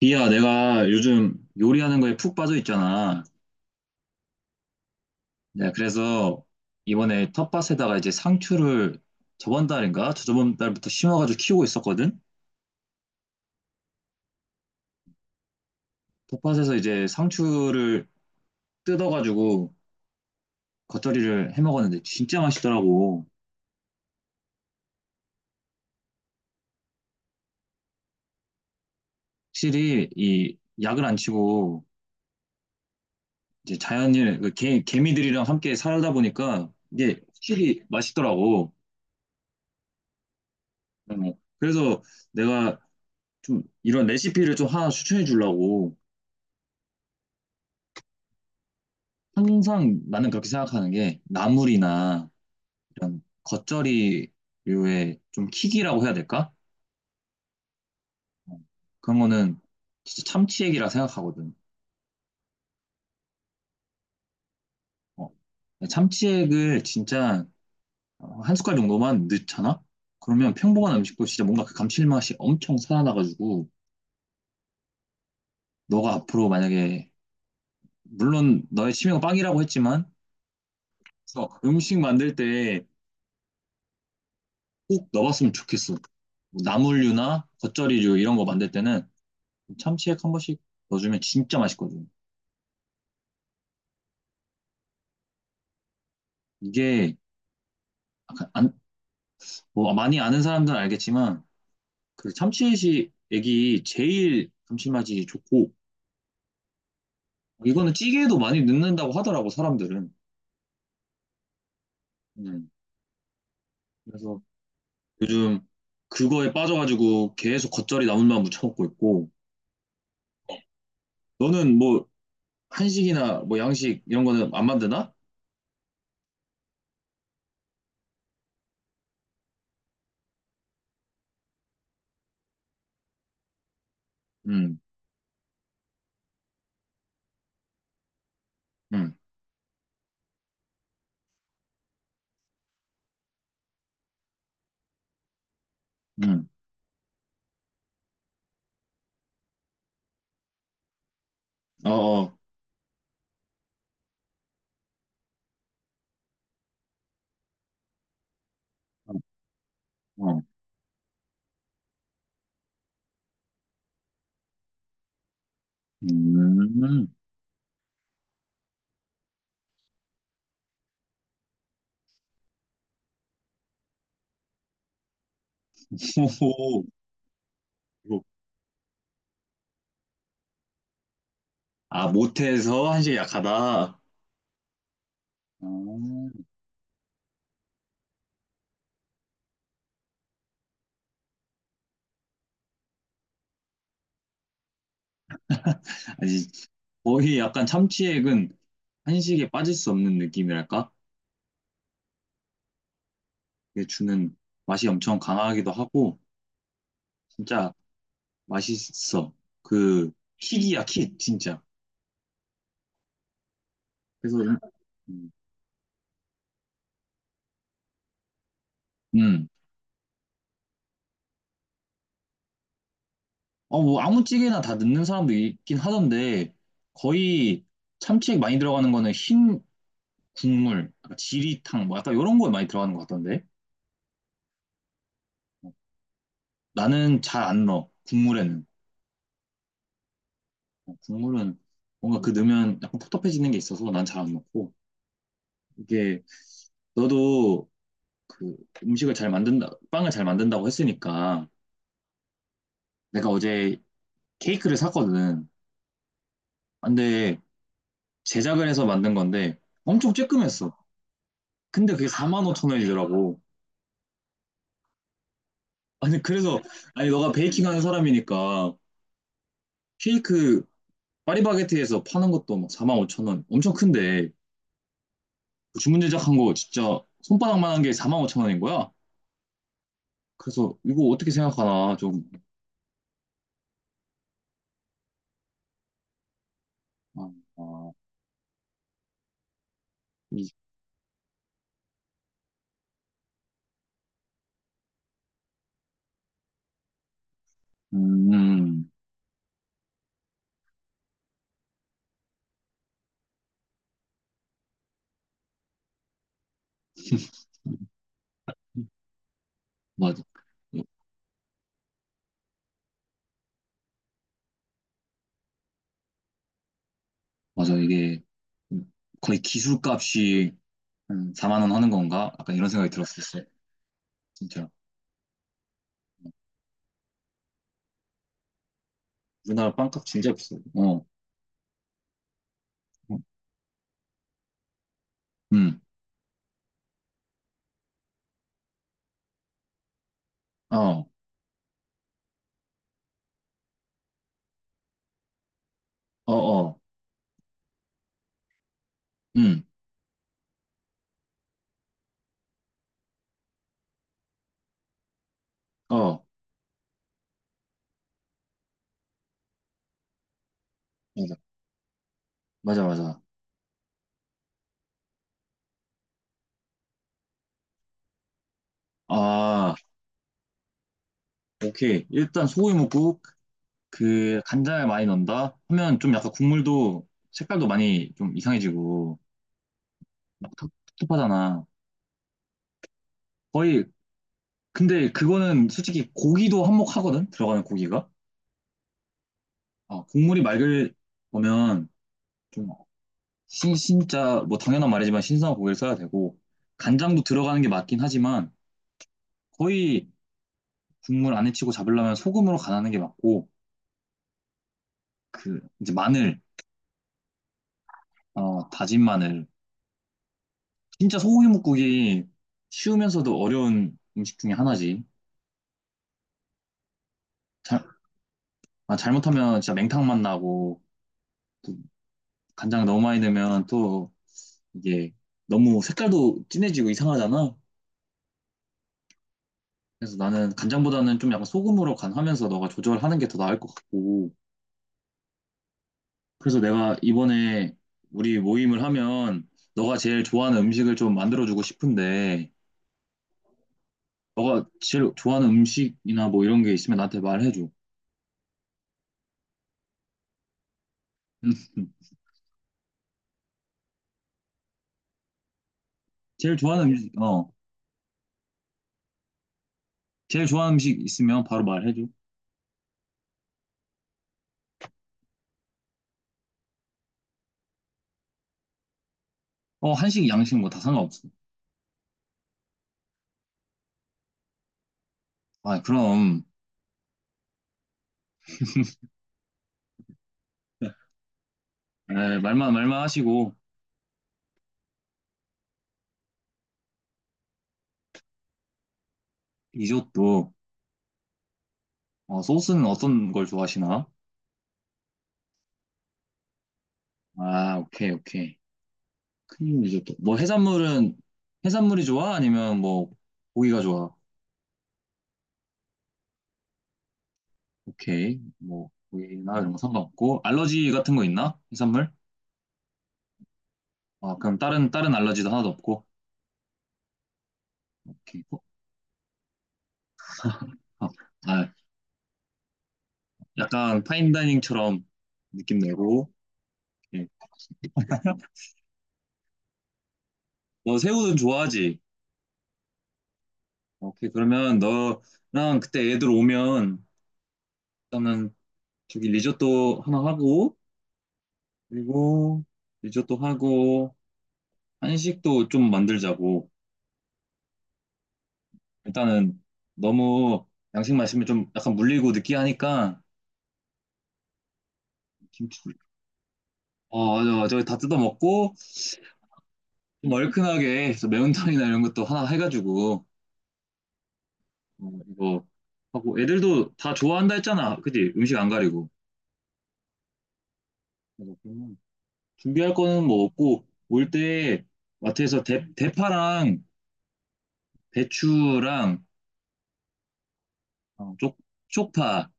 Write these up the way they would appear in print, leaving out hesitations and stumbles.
비야, 내가 요즘 요리하는 거에 푹 빠져 있잖아. 네, 그래서 이번에 텃밭에다가 이제 상추를 저번 달인가? 저저번 달부터 심어가지고 키우고 있었거든? 텃밭에서 이제 상추를 뜯어가지고 겉절이를 해 먹었는데 진짜 맛있더라고. 확실히 이 약을 안 치고 이제 자연일, 개미들이랑 함께 살다 보니까 이게 확실히 맛있더라고. 어, 그래서 내가 좀 이런 레시피를 좀 하나 추천해 주려고. 항상 나는 그렇게 생각하는 게 나물이나 이런 겉절이류의 좀 킥이라고 해야 될까? 어, 그런 거는 진짜 참치액이라 생각하거든. 어, 참치액을 진짜 한 숟갈 정도만 넣잖아? 그러면 평범한 음식도 진짜 뭔가 그 감칠맛이 엄청 살아나가지고 너가 앞으로 만약에 물론 너의 취미가 빵이라고 했지만 그래서 음식 만들 때 꼭 넣어봤으면 좋겠어. 뭐 나물류나 겉절이류 이런 거 만들 때는 참치액 한 번씩 넣어주면 진짜 맛있거든. 이게 약간 안, 뭐 많이 아는 사람들은 알겠지만 그 참치액이 액이 제일 감칠맛이 좋고 이거는 찌개에도 많이 넣는다고 하더라고 사람들은. 음, 그래서 요즘 그거에 빠져가지고 계속 겉절이 나물만 무쳐 먹고 있고 너는 뭐 한식이나 뭐 양식 이런 거는 안 만드나? 음, 음, 음, 어, 어, 어, 어. 음. 호호. 아, 못해서 한식이 약하다. 음. 아니, 거의 약간 참치액은 한식에 빠질 수 없는 느낌이랄까? 이게 주는 맛이 엄청 강하기도 하고, 진짜 맛있어. 그, 킥이야, 킥, 진짜. 그래서, 음, 음. 어, 뭐, 아무 찌개나 다 넣는 사람도 있긴 하던데, 거의 참치액 많이 들어가는 거는 흰 국물, 약간 지리탕, 뭐, 약간 이런 거에 많이 들어가는 것 같던데. 나는 잘 안 넣어, 국물에는. 어, 국물은 뭔가 그 넣으면 약간 텁텁해지는 게 있어서 난 잘 안 넣고 이게 너도 그 음식을 잘 만든다 빵을 잘 만든다고 했으니까 내가 어제 케이크를 샀거든. 근데 제작을 해서 만든 건데 엄청 쬐끔했어. 근데 그게 4만 5천 원이더라고. 아니 그래서 아니 너가 베이킹하는 사람이니까 케이크 파리바게트에서 파는 것도 막 4만 5천 원 엄청 큰데 그 주문 제작한 거 진짜 손바닥만한 게 4만 5천 원인 거야. 그래서 이거 어떻게 생각하나 좀 어, 어, 이- 음, 맞아. 맞아. 이게 거의 기술값이 한 4만 원 하는 건가? 약간 이런 생각이 들었었어. 진짜. 우리나라 빵값 진짜 비싸. 어, 음, 어, 어, 어, 음, 어, 맞아. 맞아, 맞아. 아, 오케이. 일단 소고기 먹고 그 간장을 많이 넣는다 하면 좀 약간 국물도 색깔도 많이 좀 이상해지고 막 텁텁하잖아. 거의 근데 그거는 솔직히 고기도 한몫하거든? 들어가는 고기가. 아, 국물이 맑을 거면 좀 진짜 뭐 당연한 말이지만 신선한 고기를 써야 되고 간장도 들어가는 게 맞긴 하지만 거의 국물 안에 치고 잡으려면 소금으로 간하는 게 맞고 그 이제 마늘, 어, 다진 마늘. 진짜 소고기 뭇국이 쉬우면서도 어려운 음식 중에 하나지. 잘, 아, 잘못하면 진짜 맹탕 맛 나고 또 간장 너무 많이 넣으면 또 이게 너무 색깔도 진해지고 이상하잖아. 그래서 나는 간장보다는 좀 약간 소금으로 간하면서 너가 조절하는 게 더 나을 것 같고. 그래서 내가 이번에 우리 모임을 하면 너가 제일 좋아하는 음식을 좀 만들어주고 싶은데, 너가 제일 좋아하는 음식이나 뭐 이런 게 있으면 나한테 말해줘. 제일 좋아하는 음식, 어. 제일 좋아하는 음식 있으면 바로 말해줘. 어, 한식, 양식 뭐 다 상관없어. 아, 그럼. 에, 말만 하시고, 리조또. 어, 소스는 어떤 걸 좋아하시나? 아, 오케이, 오케이. 크림 리조또. 뭐 해산물은 해산물이 좋아? 아니면 뭐 고기가 좋아? 오케이. 뭐 고기나 이런 거 상관없고 알러지 같은 거 있나? 해산물? 아 그럼 다른 알러지도 하나도 없고. 오케이. 어? 아, 아, 약간 파인다이닝처럼 느낌 내고. 오케이. 너 새우는 좋아하지? 오케이. 그러면 너랑 그때 애들 오면 일단은 저기 리조또 하나 하고 그리고 리조또 하고 한식도 좀 만들자고. 일단은 너무 양식 마시면 좀 약간 물리고 느끼하니까 김치 어 맞아 저기 다 뜯어 먹고 좀 얼큰하게 저 매운탕이나 이런 것도 하나 해가지고 어, 이거 하고 애들도 다 좋아한다 했잖아 그지 음식 안 가리고 맞아, 그러면 준비할 거는 뭐 없고 올 때 마트에서 대파랑 배추랑 어, 쪽 쪽파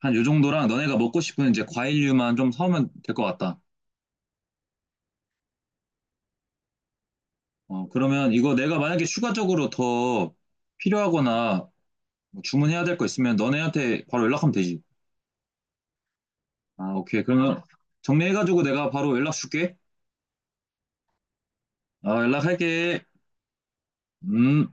한 요 정도랑 너네가 먹고 싶은 이제 과일류만 좀 사오면 될 것 같다. 어, 그러면 이거 내가 만약에 추가적으로 더 필요하거나 뭐 주문해야 될 거 있으면 너네한테 바로 연락하면 되지. 아, 오케이. 그러면 정리해가지고 내가 바로 연락 줄게. 아, 연락할게. 음.